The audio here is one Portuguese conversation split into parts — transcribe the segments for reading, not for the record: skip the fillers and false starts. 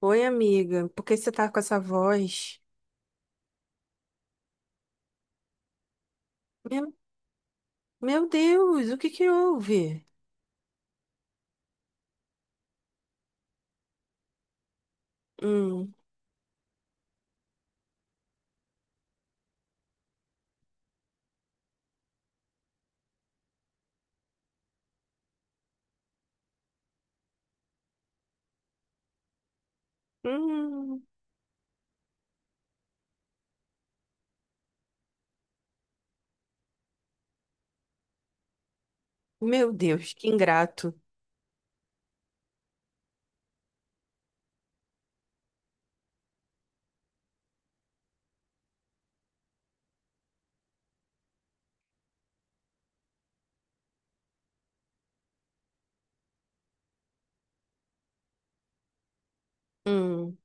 Oi, amiga, por que você tá com essa voz? Meu, meu Deus, o que que houve? Hum, hum. Meu Deus, que ingrato. Hum,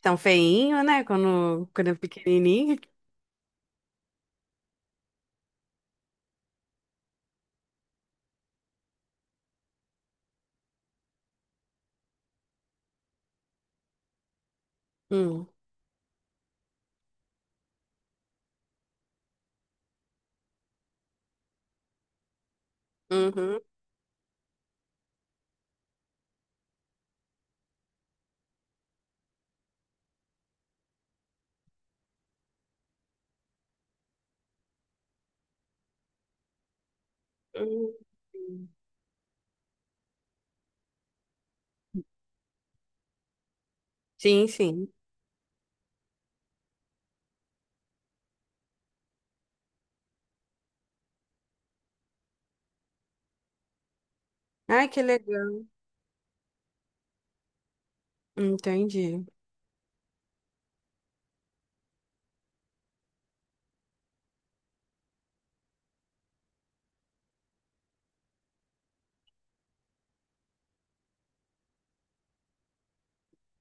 tão feinho, né? Quando é pequenininho. Hum, uhum, hum. Sim, sim. Ai, que legal. Entendi.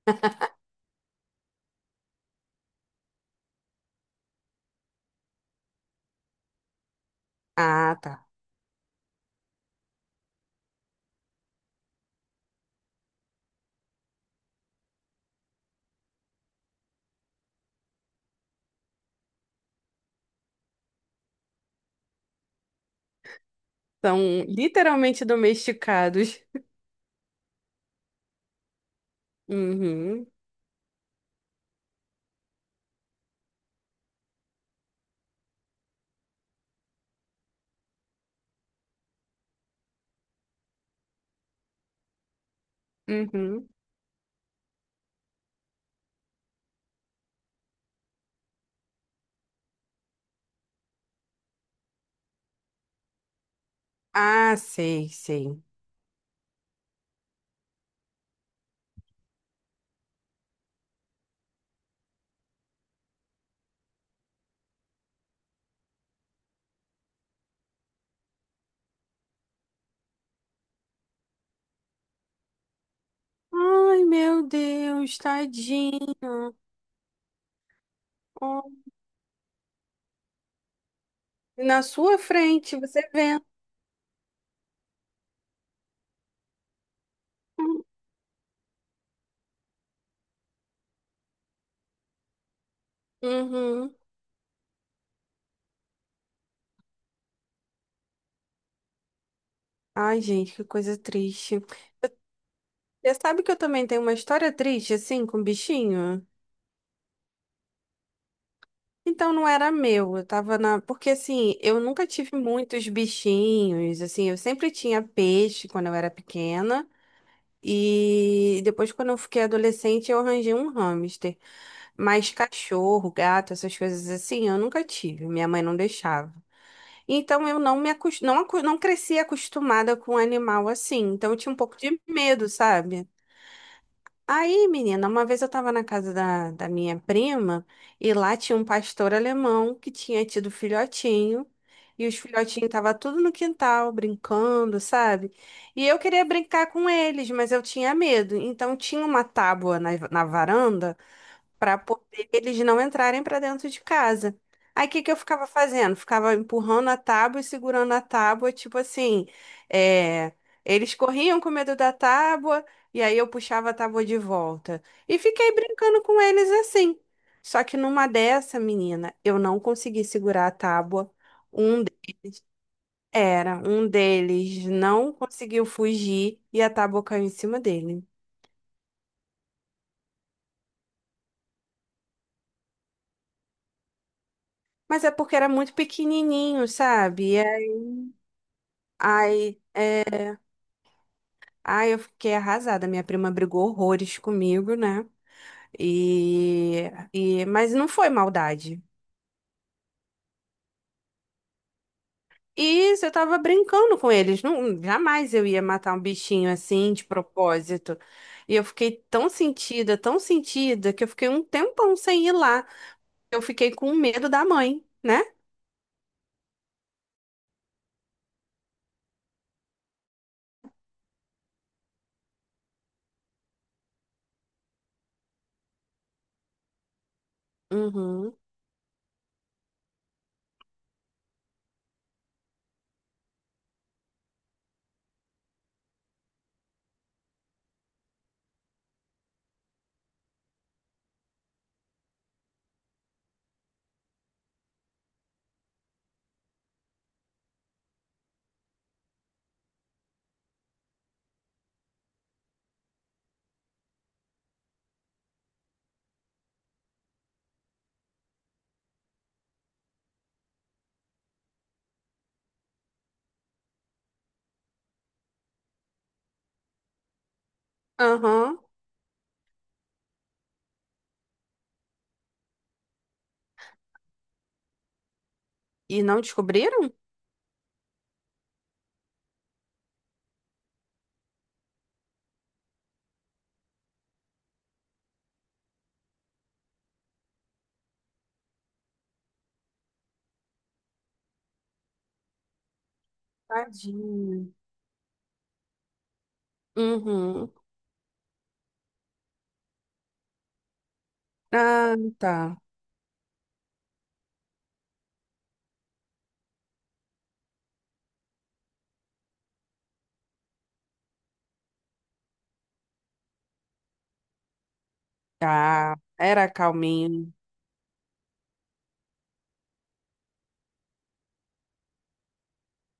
Ah, tá. São literalmente domesticados. Uhum, uhum. Ah, sei, sei. Ai, meu Deus, tadinho. Na sua frente, você vê. Uhum. Ai, gente, que coisa triste. Você sabe que eu também tenho uma história triste, assim, com bichinho? Então não era meu, eu tava na. Porque assim, eu nunca tive muitos bichinhos, assim, eu sempre tinha peixe quando eu era pequena. E depois, quando eu fiquei adolescente, eu arranjei um hamster. Mas cachorro, gato, essas coisas assim, eu nunca tive. Minha mãe não deixava. Então eu não me acos- não, acu- não cresci acostumada com animal assim. Então eu tinha um pouco de medo, sabe? Aí, menina, uma vez eu tava na casa da, minha prima e lá tinha um pastor alemão que tinha tido filhotinho. E os filhotinhos estavam tudo no quintal, brincando, sabe? E eu queria brincar com eles, mas eu tinha medo. Então tinha uma tábua na varanda para poder eles não entrarem para dentro de casa. Aí o que que eu ficava fazendo? Ficava empurrando a tábua e segurando a tábua, tipo assim, é, eles corriam com medo da tábua e aí eu puxava a tábua de volta. E fiquei brincando com eles assim. Só que numa dessa, menina, eu não consegui segurar a tábua. Um deles Um deles não conseguiu fugir e a tábua caiu em cima dele. Mas é porque era muito pequenininho, sabe? Ai, é... Ai, eu fiquei arrasada. Minha prima brigou horrores comigo, né? E... Mas não foi maldade. E eu tava brincando com eles. Não, jamais eu ia matar um bichinho assim, de propósito. E eu fiquei tão sentida, que eu fiquei um tempão sem ir lá. Eu fiquei com medo da mãe, né? Uhum. Aham. E não descobriram? Tadinho. Uhum. Ah, tá. Tá. Era calminho.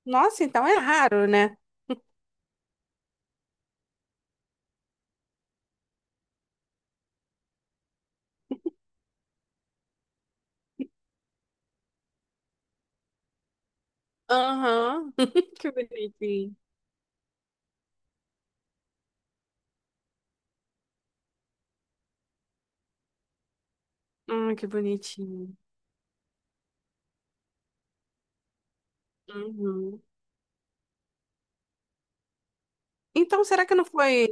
Nossa, então é raro, né? Aham. Que bonitinho. Ah, que bonitinho. Uhum. Então, será que não foi.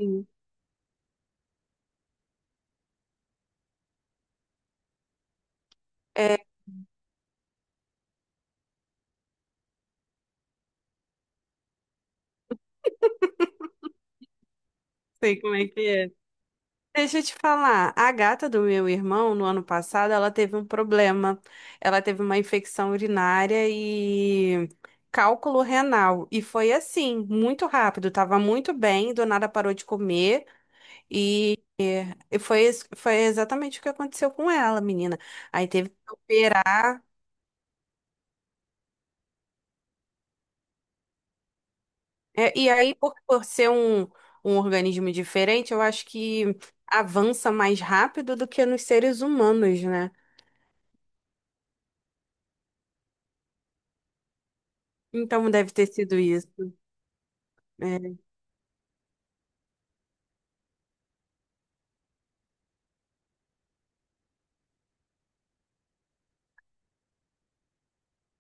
é, Sei como é que é. Deixa eu te falar, a gata do meu irmão, no ano passado, ela teve um problema. Ela teve uma infecção urinária e cálculo renal. E foi assim, muito rápido. Tava muito bem, do nada parou de comer. E foi exatamente o que aconteceu com ela, menina. Aí teve que operar. É, e aí, por ser um organismo diferente, eu acho que avança mais rápido do que nos seres humanos, né? Então deve ter sido isso. É,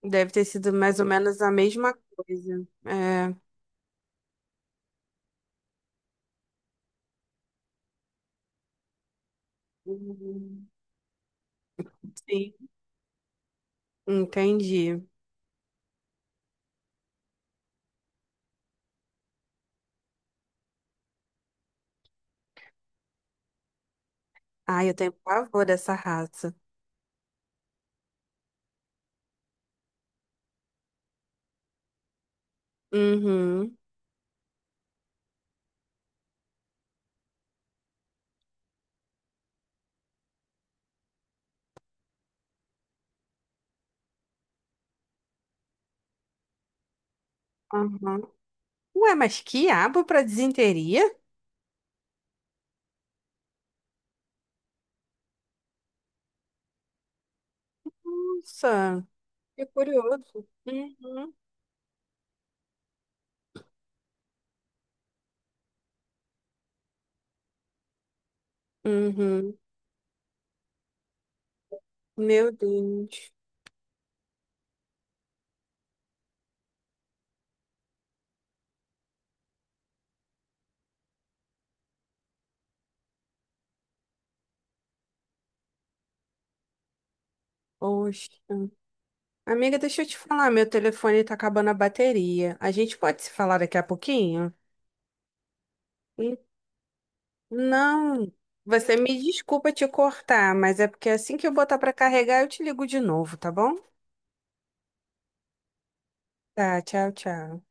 deve ter sido mais ou menos a mesma coisa. É. Uhum. Sim, entendi. Ai, eu tenho pavor dessa raça. Uhum, uhum. Ué, mas quiabo para disenteria? Nossa, que curioso. Uhum, uhum. Meu Deus. Poxa. Amiga, deixa eu te falar, meu telefone tá acabando a bateria. A gente pode se falar daqui a pouquinho? Hum, Não, você me desculpa te cortar, mas é porque assim que eu botar pra carregar, eu te ligo de novo, tá bom? Tá, tchau, tchau.